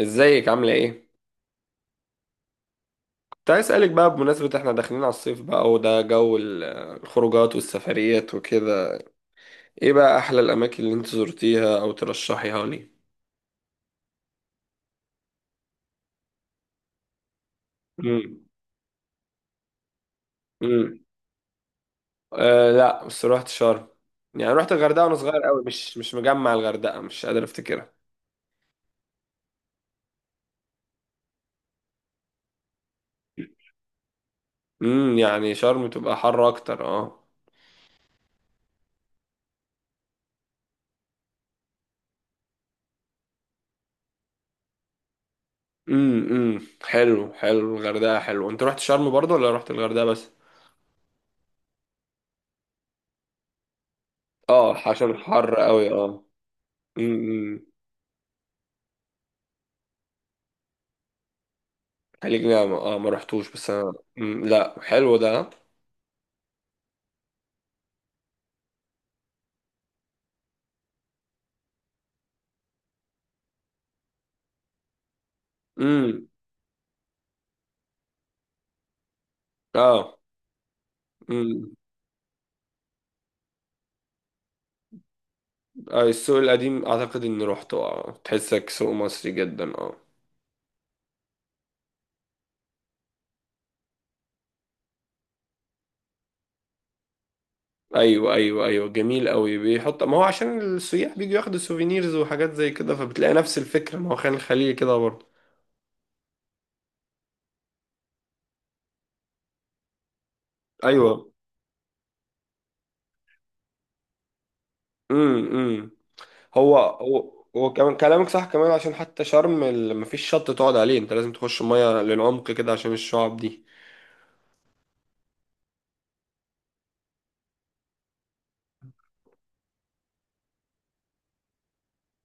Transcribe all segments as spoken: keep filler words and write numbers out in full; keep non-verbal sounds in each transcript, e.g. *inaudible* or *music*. ازيك عاملة ايه؟ كنت عايز اسألك بقى، بمناسبة احنا داخلين على الصيف بقى وده جو ال- الخروجات والسفريات وكده، ايه بقى احلى الاماكن اللي انت زرتيها او ترشحيها لي؟ امم، امم. آه، لا بس روحت شرم. يعني روحت الغردقة وانا صغير قوي، مش مش مجمع الغردقة، مش قادر افتكرها. امم يعني شرم تبقى حر اكتر، اه. امم، امم. حلو، حلو، الغردقة حلو. انت روحت شرم برضه ولا روحت الغردقة بس؟ اه، عشان حر قوي، اه. امم. خليج، لا ما- اه، ما رحتوش. بس انا مم، لا، حلو ده. امم. اه. امم. آه، السوق القديم اعتقد اني روحته، اه، تحسك سوق مصري جدا، اه. ايوه، ايوه، ايوه، جميل قوي. بيحط ما هو عشان السياح بيجوا ياخدوا سوفينيرز وحاجات زي كده، فبتلاقي نفس الفكره، ما هو خان الخليل كده برضه. ايوه. امم، امم. هو هو هو كمان كلامك صح، كمان عشان حتى شرم ما فيش شط تقعد عليه، انت لازم تخش ميه للعمق كده عشان الشعب دي.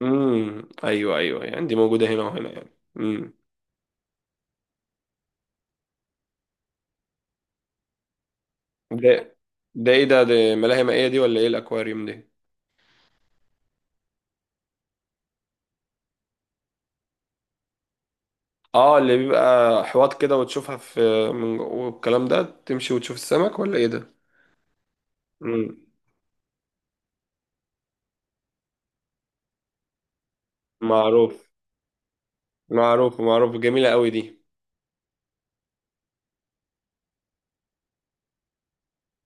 امم، ايوه، ايوه، يعني دي موجوده هنا وهنا يعني. امم. ده، ده ايه ده؟ ده ملاهي مائيه دي ولا ايه الاكواريوم دي؟ اه اللي بيبقى حواض كده وتشوفها في، من جوه والكلام ده، تمشي وتشوف السمك ولا ايه ده؟ امم. معروف، معروف، معروف، جميله قوي دي.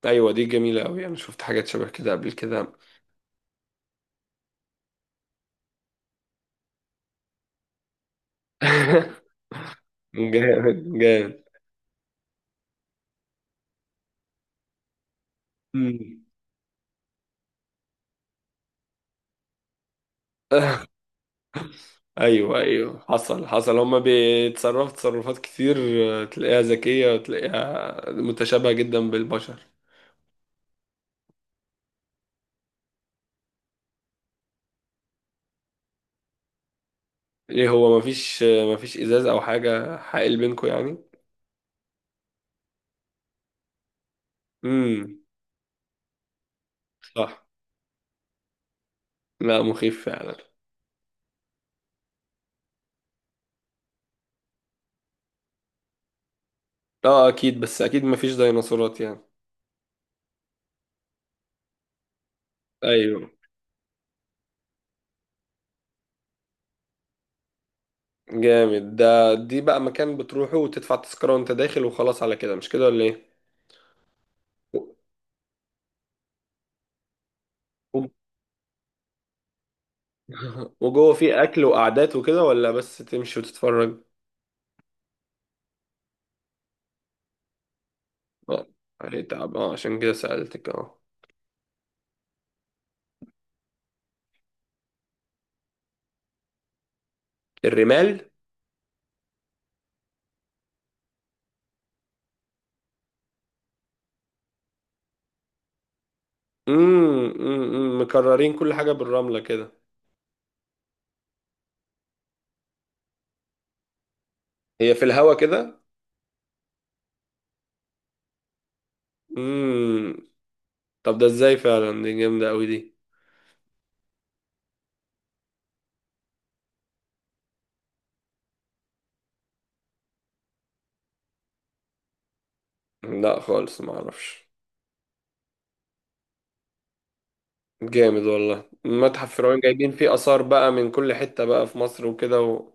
ايوه دي جميله قوي، انا شفت حاجات شبه كده قبل كده. *laughs* جامد، جامد. مم. *laughs* ايوه، ايوه، حصل، حصل، هما بيتصرفوا تصرفات كتير. آه، تلاقيها ذكية وتلاقيها متشابهة جدا بالبشر. ايه، هو مفيش آه، مفيش ازاز او حاجة حائل بينكو يعني؟ امم. صح. لا، مخيف فعلا. اه اكيد، بس اكيد مفيش ديناصورات يعني. ايوه. جامد. ده دي بقى مكان بتروحه وتدفع تذكرة وانت داخل وخلاص، على كده مش كده ولا ايه؟ و- و- *laughs* وجوه فيه اكل وقعدات وكده، ولا بس تمشي وتتفرج؟ اه. هيتعب، اه، عشان كده سألتك، اه. الرمال. امم. أمم، مكررين كل حاجة بالرملة كده. هي في الهوا كده. امم. طب ده ازاي فعلا، دي جامدة قوي دي. لا خالص، ما اعرفش. جامد والله، متحف فرعون جايبين فيه آثار بقى من كل حتة بقى في مصر وكده و...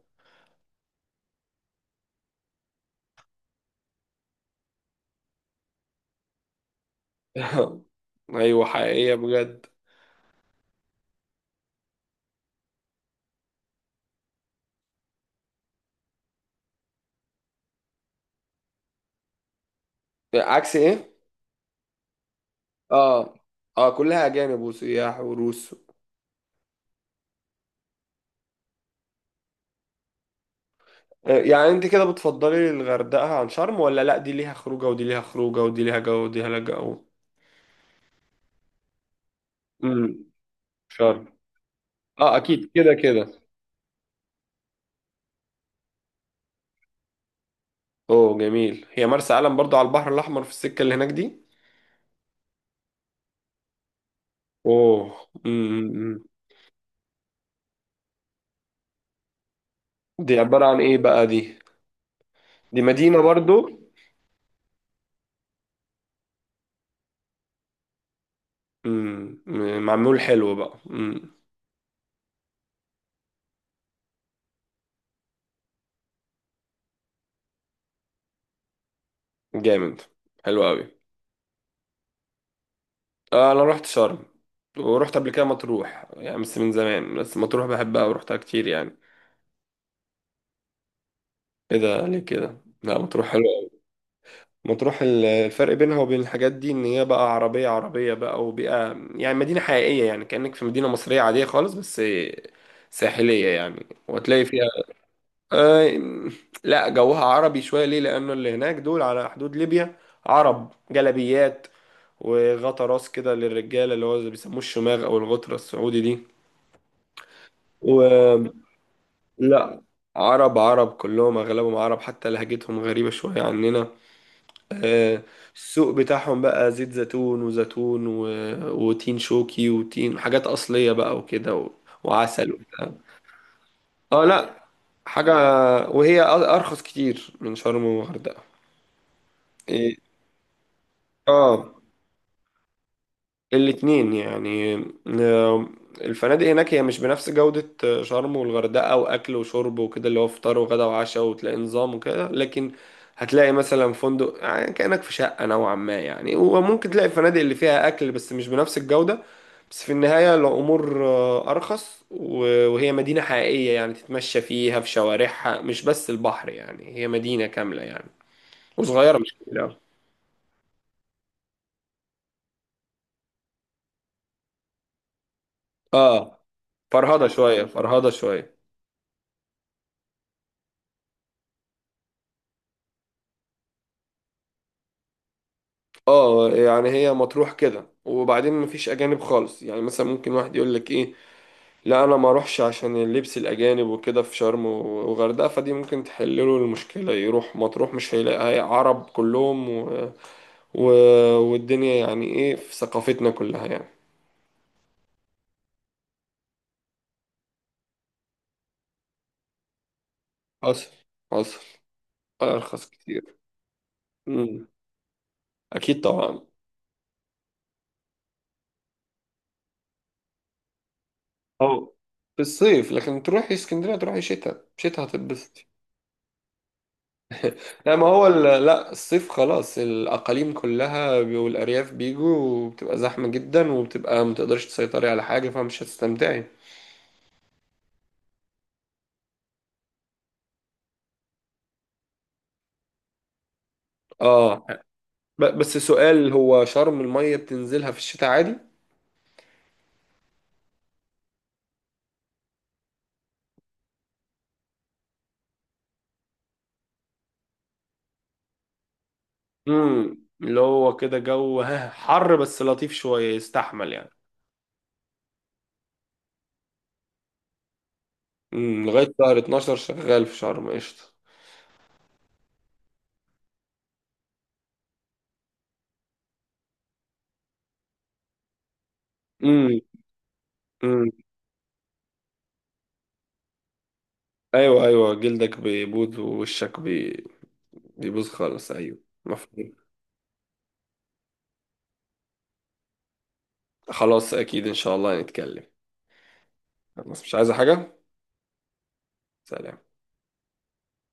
*laughs* ايوه، حقيقية بجد. عكس ايه؟ اه، اه، كلها اجانب وسياح وروس. آه، يعني انت كده بتفضلي الغردقة عن شرم، ولا لا، دي ليها خروجة ودي ليها خروجة، ودي ليها جو ودي ليها جو؟ امم. شرم. اه اكيد، كده كده. اوه جميل. هي مرسى علم برضو على البحر الاحمر، في السكه اللي هناك دي؟ اوه. امم. دي عباره عن ايه بقى دي؟ دي مدينه برضو؟ امم. معمول حلو بقى، امم. جامد. حلو قوي. آه، انا رحت شرم. ورحت قبل كده مطروح، يعني بس من زمان، بس مطروح بحبها ورحتها كتير يعني. ايه ده، ليه كده؟ لا مطروح حلو. مطروح ال- الفرق بينها وبين الحاجات دي، ان هي بقى عربية، عربية بقى، وبقى يعني مدينة حقيقية يعني، كأنك في مدينة مصرية عادية خالص، بس ساحلية يعني، وهتلاقي فيها. آه. لا جوها عربي شوية، ليه؟ لأنه اللي هناك دول على حدود ليبيا. عرب، جلابيات، وغطا راس كده للرجالة اللي هو اللي بيسموه الشماغ أو الغترة السعودي دي. ولا. عرب، عرب، كلهم أغلبهم عرب، حتى لهجتهم غريبة شوية عننا. آه، السوق بتاعهم بقى زيت زيتون وزيتون و... وتين شوكي وتين، حاجات أصلية بقى وكده و... وعسل وبتاع. اه. لا حاجة. وهي أ- أرخص كتير من شرم والغردقة. إيه. اه. الاتنين يعني. آه. الفنادق هناك هي مش بنفس جودة آه، شرم والغردقة، وأكل وشرب وكده اللي هو فطار وغدا وعشاء وتلاقي نظام وكده، لكن هتلاقي مثلا فندق آه، يعني كأنك في شقة نوعا ما يعني، وممكن تلاقي الفنادق اللي فيها أكل بس مش بنفس الجودة. بس في النهاية الأمور آه، أرخص، و- وهي مدينة حقيقية يعني، تتمشى فيها في شوارعها، مش بس البحر يعني، هي مدينة كاملة يعني، وصغيرة مش كبيرة أوي. اه. فرهضة شوية، فرهضة شوية. اه يعني هي مطروح كده، وبعدين مفيش اجانب خالص يعني، مثلا ممكن واحد يقول لك ايه، لا انا ما اروحش عشان اللبس الاجانب وكده في شرم وغردقه، فدي ممكن تحل له المشكله، يروح مطروح مش هيلاقي عرب كلهم و... و... والدنيا يعني ايه في ثقافتنا كلها يعني. حصل، حصل. ارخص كتير. امم. اكيد طبعا. اه، في الصيف، لكن تروحي اسكندريه تروحي شتاء، شتاء هتتبسط. لا ما هو ال- لا الصيف خلاص، الأقاليم كلها بي- والأرياف بيجوا، وبتبقى زحمة جدا، وبتبقى متقدرش تسيطري على حاجة، فمش هتستمتعي. اه. ب- بس سؤال، هو شرم المية بتنزلها في الشتاء عادي؟ امم، اللي هو كده جو ها حر بس لطيف شوية، يستحمل يعني. امم. لغاية شهر اثنا عشر شغال في شرم قشطة. امم، امم. ايوه، ايوه، جلدك بيبوظ ووشك بي... بيبوظ خالص، ايوه. مفهوم. خلاص، اكيد ان شاء الله نتكلم. خلاص مش عايزة حاجة. سلام.